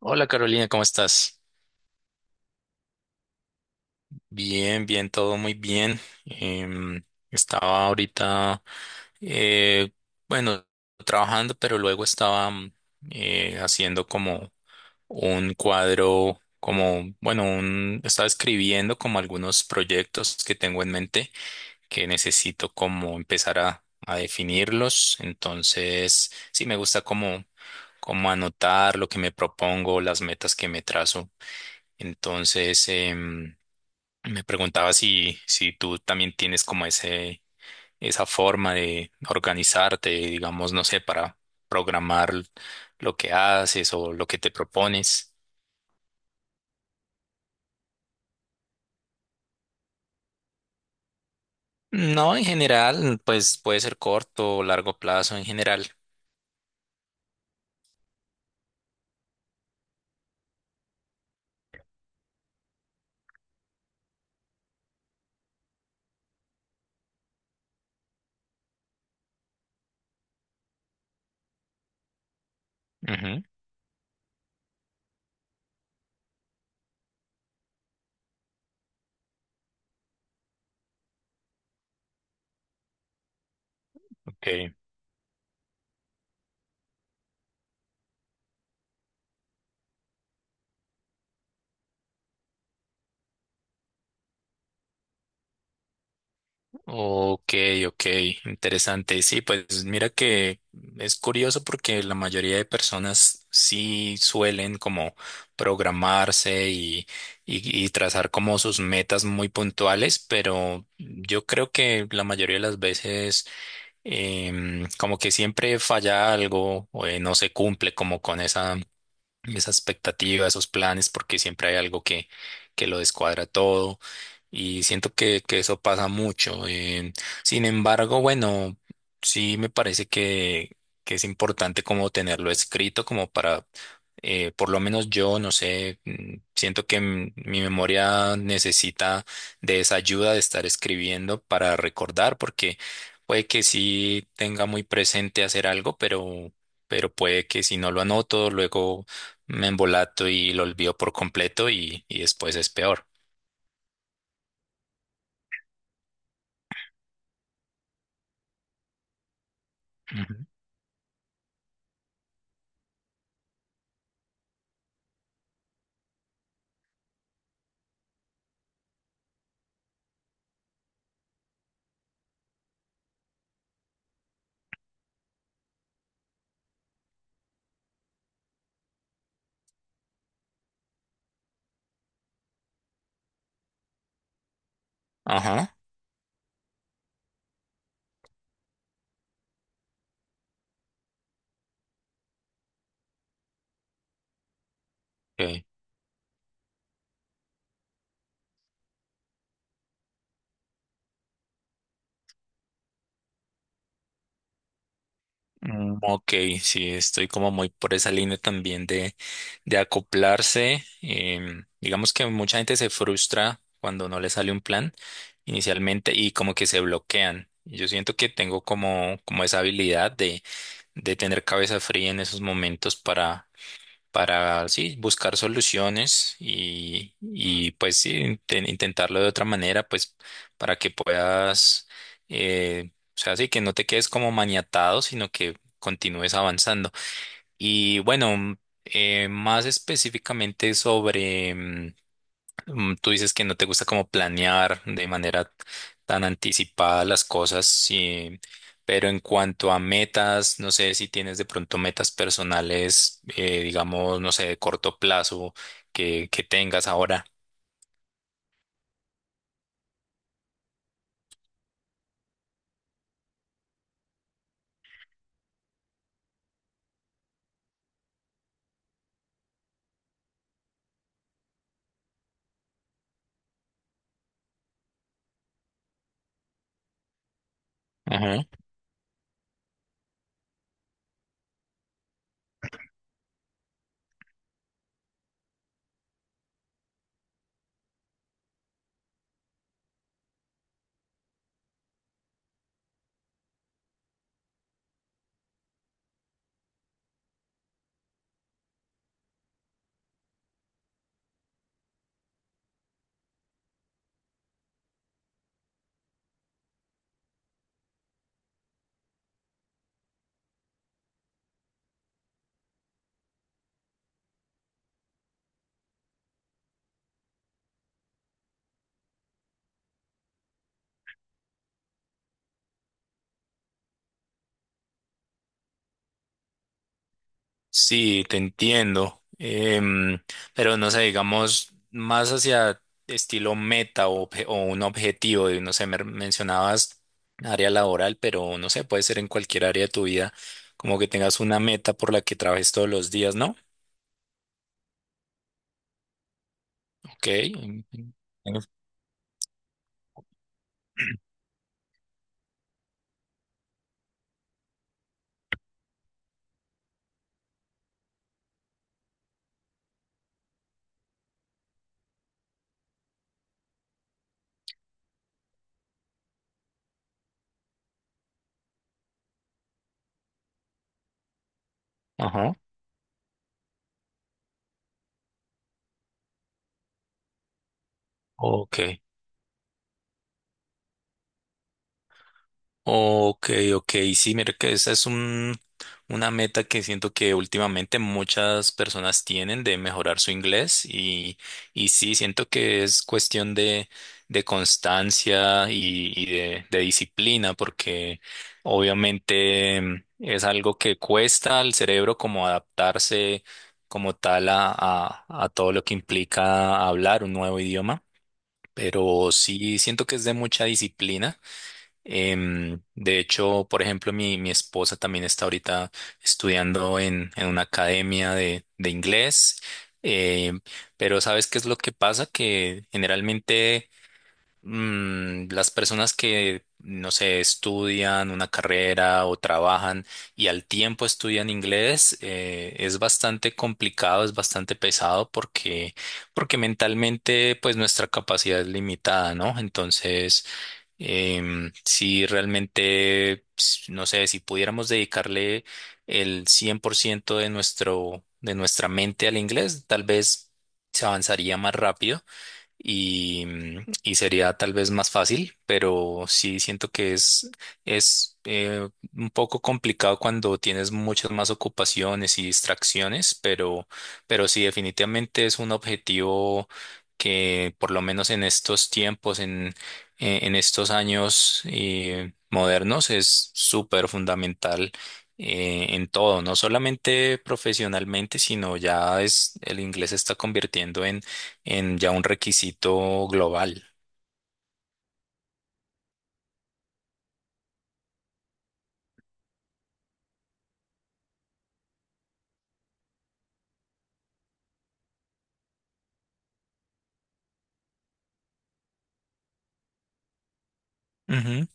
Hola Carolina, ¿cómo estás? Bien, bien, todo muy bien. Em, Estaba ahorita, eh, bueno, trabajando, pero luego estaba haciendo como un cuadro, como, bueno, un, estaba escribiendo como algunos proyectos que tengo en mente que necesito como empezar a definirlos. Entonces, sí, me gusta como, como anotar lo que me propongo, las metas que me trazo. Entonces, me preguntaba si tú también tienes como ese, esa forma de organizarte, digamos, no sé, para programar lo que haces o lo que te propones. No, en general, pues puede ser corto o largo plazo en general. Ujú, ok. Ok, ok, interesante. Sí, pues mira que es curioso porque la mayoría de personas sí suelen como programarse y trazar como sus metas muy puntuales, pero yo creo que la mayoría de las veces como que siempre falla algo o no se cumple como con esa esa expectativa, esos planes, porque siempre hay algo que lo descuadra todo y siento que eso pasa mucho. Sin embargo, bueno, sí me parece que es importante como tenerlo escrito, como para, por lo menos yo, no sé, siento que mi memoria necesita de esa ayuda de estar escribiendo para recordar, porque puede que sí tenga muy presente hacer algo, pero... Pero puede que si no lo anoto, luego me embolato y lo olvido por completo y después es peor. Ujú. Ajá. Okay. Mm, ok, sí, estoy como muy por esa línea también de acoplarse. Em, digamos que mucha gente se frustra cuando no le sale un plan inicialmente y como que se bloquean. Y yo siento que tengo como, como esa habilidad de tener cabeza fría en esos momentos para, sí, buscar soluciones y pues sí, intentarlo de otra manera, pues para que puedas, o sea, sí, que no te quedes como maniatado, sino que continúes avanzando. Y bueno, más específicamente sobre... Tú dices que no te gusta como planear de manera tan anticipada las cosas, sí, pero en cuanto a metas, no sé si tienes de pronto metas personales, digamos, no sé, de corto plazo que tengas ahora. Sí, te entiendo. Em, pero no sé, digamos, más hacia estilo meta o un objetivo, y no sé, me mencionabas área laboral, pero no sé, puede ser en cualquier área de tu vida, como que tengas una meta por la que trabajes todos los días, ¿no? Ok. En- Ajá. Ok. Ok, ok, sí, mira que esa es una meta que siento que últimamente muchas personas tienen de mejorar su inglés y sí, siento que es cuestión de constancia y de disciplina porque obviamente es algo que cuesta al cerebro como adaptarse como tal a todo lo que implica hablar un nuevo idioma, pero sí siento que es de mucha disciplina. Em, de hecho, por ejemplo, mi esposa también está ahorita estudiando en una academia de inglés, em, pero ¿sabes qué es lo que pasa? Que generalmente las personas que, no sé, estudian una carrera o trabajan y al tiempo estudian inglés, es bastante complicado, es bastante pesado porque, porque mentalmente, pues nuestra capacidad es limitada, ¿no? Entonces... Em, si realmente, ps, no sé, si pudiéramos dedicarle el 100% de nuestro, de nuestra mente al inglés, tal vez se avanzaría más rápido y, y sería tal vez más fácil, pero sí siento que es, es un poco complicado cuando tienes muchas más ocupaciones y distracciones, pero sí definitivamente es un objetivo que por lo menos en estos tiempos, en estos años modernos, es súper fundamental. En todo, no solamente profesionalmente, sino ya es el inglés se está convirtiendo en ya un requisito global. Ujú,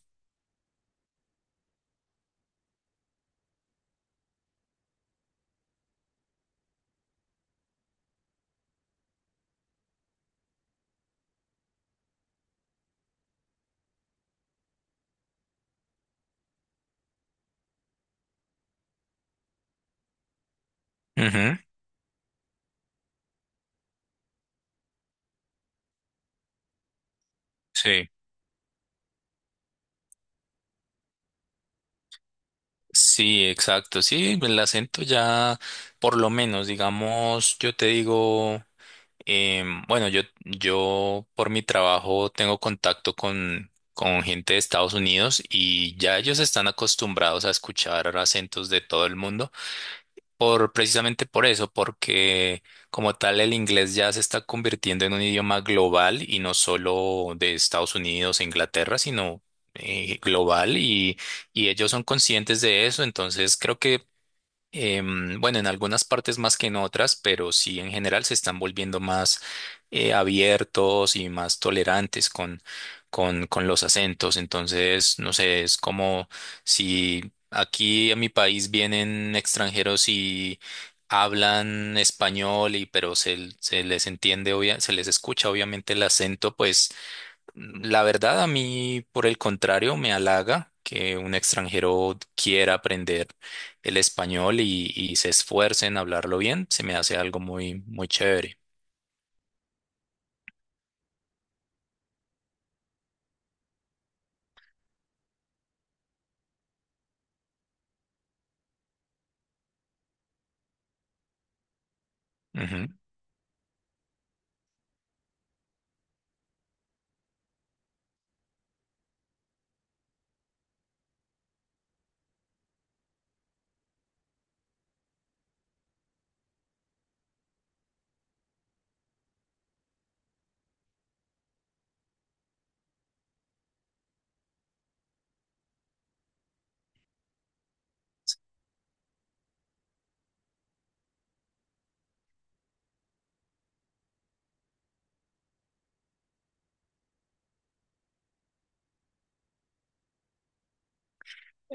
ujú. Sí. Sí, exacto. Sí, el acento ya, por lo menos, digamos, yo te digo, bueno, yo por mi trabajo tengo contacto con gente de Estados Unidos y ya ellos están acostumbrados a escuchar acentos de todo el mundo. Por, precisamente por eso, porque como tal el inglés ya se está convirtiendo en un idioma global y no solo de Estados Unidos e Inglaterra, sino global y ellos son conscientes de eso, entonces creo que bueno, en algunas partes más que en otras, pero sí en general se están volviendo más abiertos y más tolerantes con los acentos. Entonces, no sé, es como si aquí a mi país vienen extranjeros y hablan español y pero se les entiende, se les escucha obviamente el acento, pues la verdad, a mí, por el contrario, me halaga que un extranjero quiera aprender el español y se esfuerce en hablarlo bien. Se me hace algo muy, muy chévere.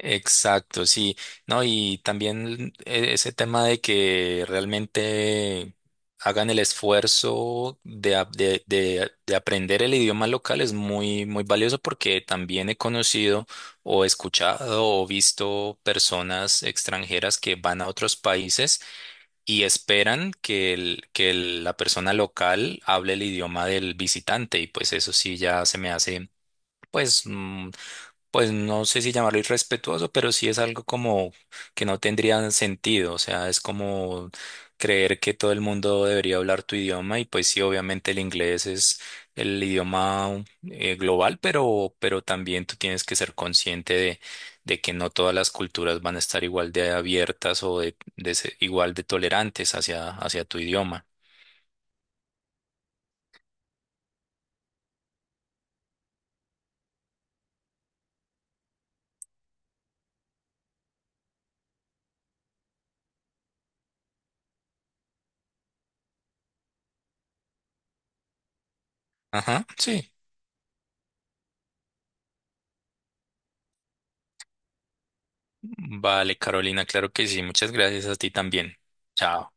Exacto, sí. No, y también ese tema de que realmente hagan el esfuerzo de, a- de, de aprender el idioma local es muy, muy valioso porque también he conocido o escuchado o visto personas extranjeras que van a otros países y esperan la persona local hable el idioma del visitante y pues eso sí ya se me hace pues pues no sé si llamarlo irrespetuoso, pero sí es algo como que no tendría sentido, o sea, es como creer que todo el mundo debería hablar tu idioma y pues sí, obviamente el inglés es el idioma global, pero también tú tienes que ser consciente de que no todas las culturas van a estar igual de abiertas o de ser igual de tolerantes hacia, hacia tu idioma. Ajá, sí. Vale, Carolina, claro que sí. Muchas gracias a ti también. Chao.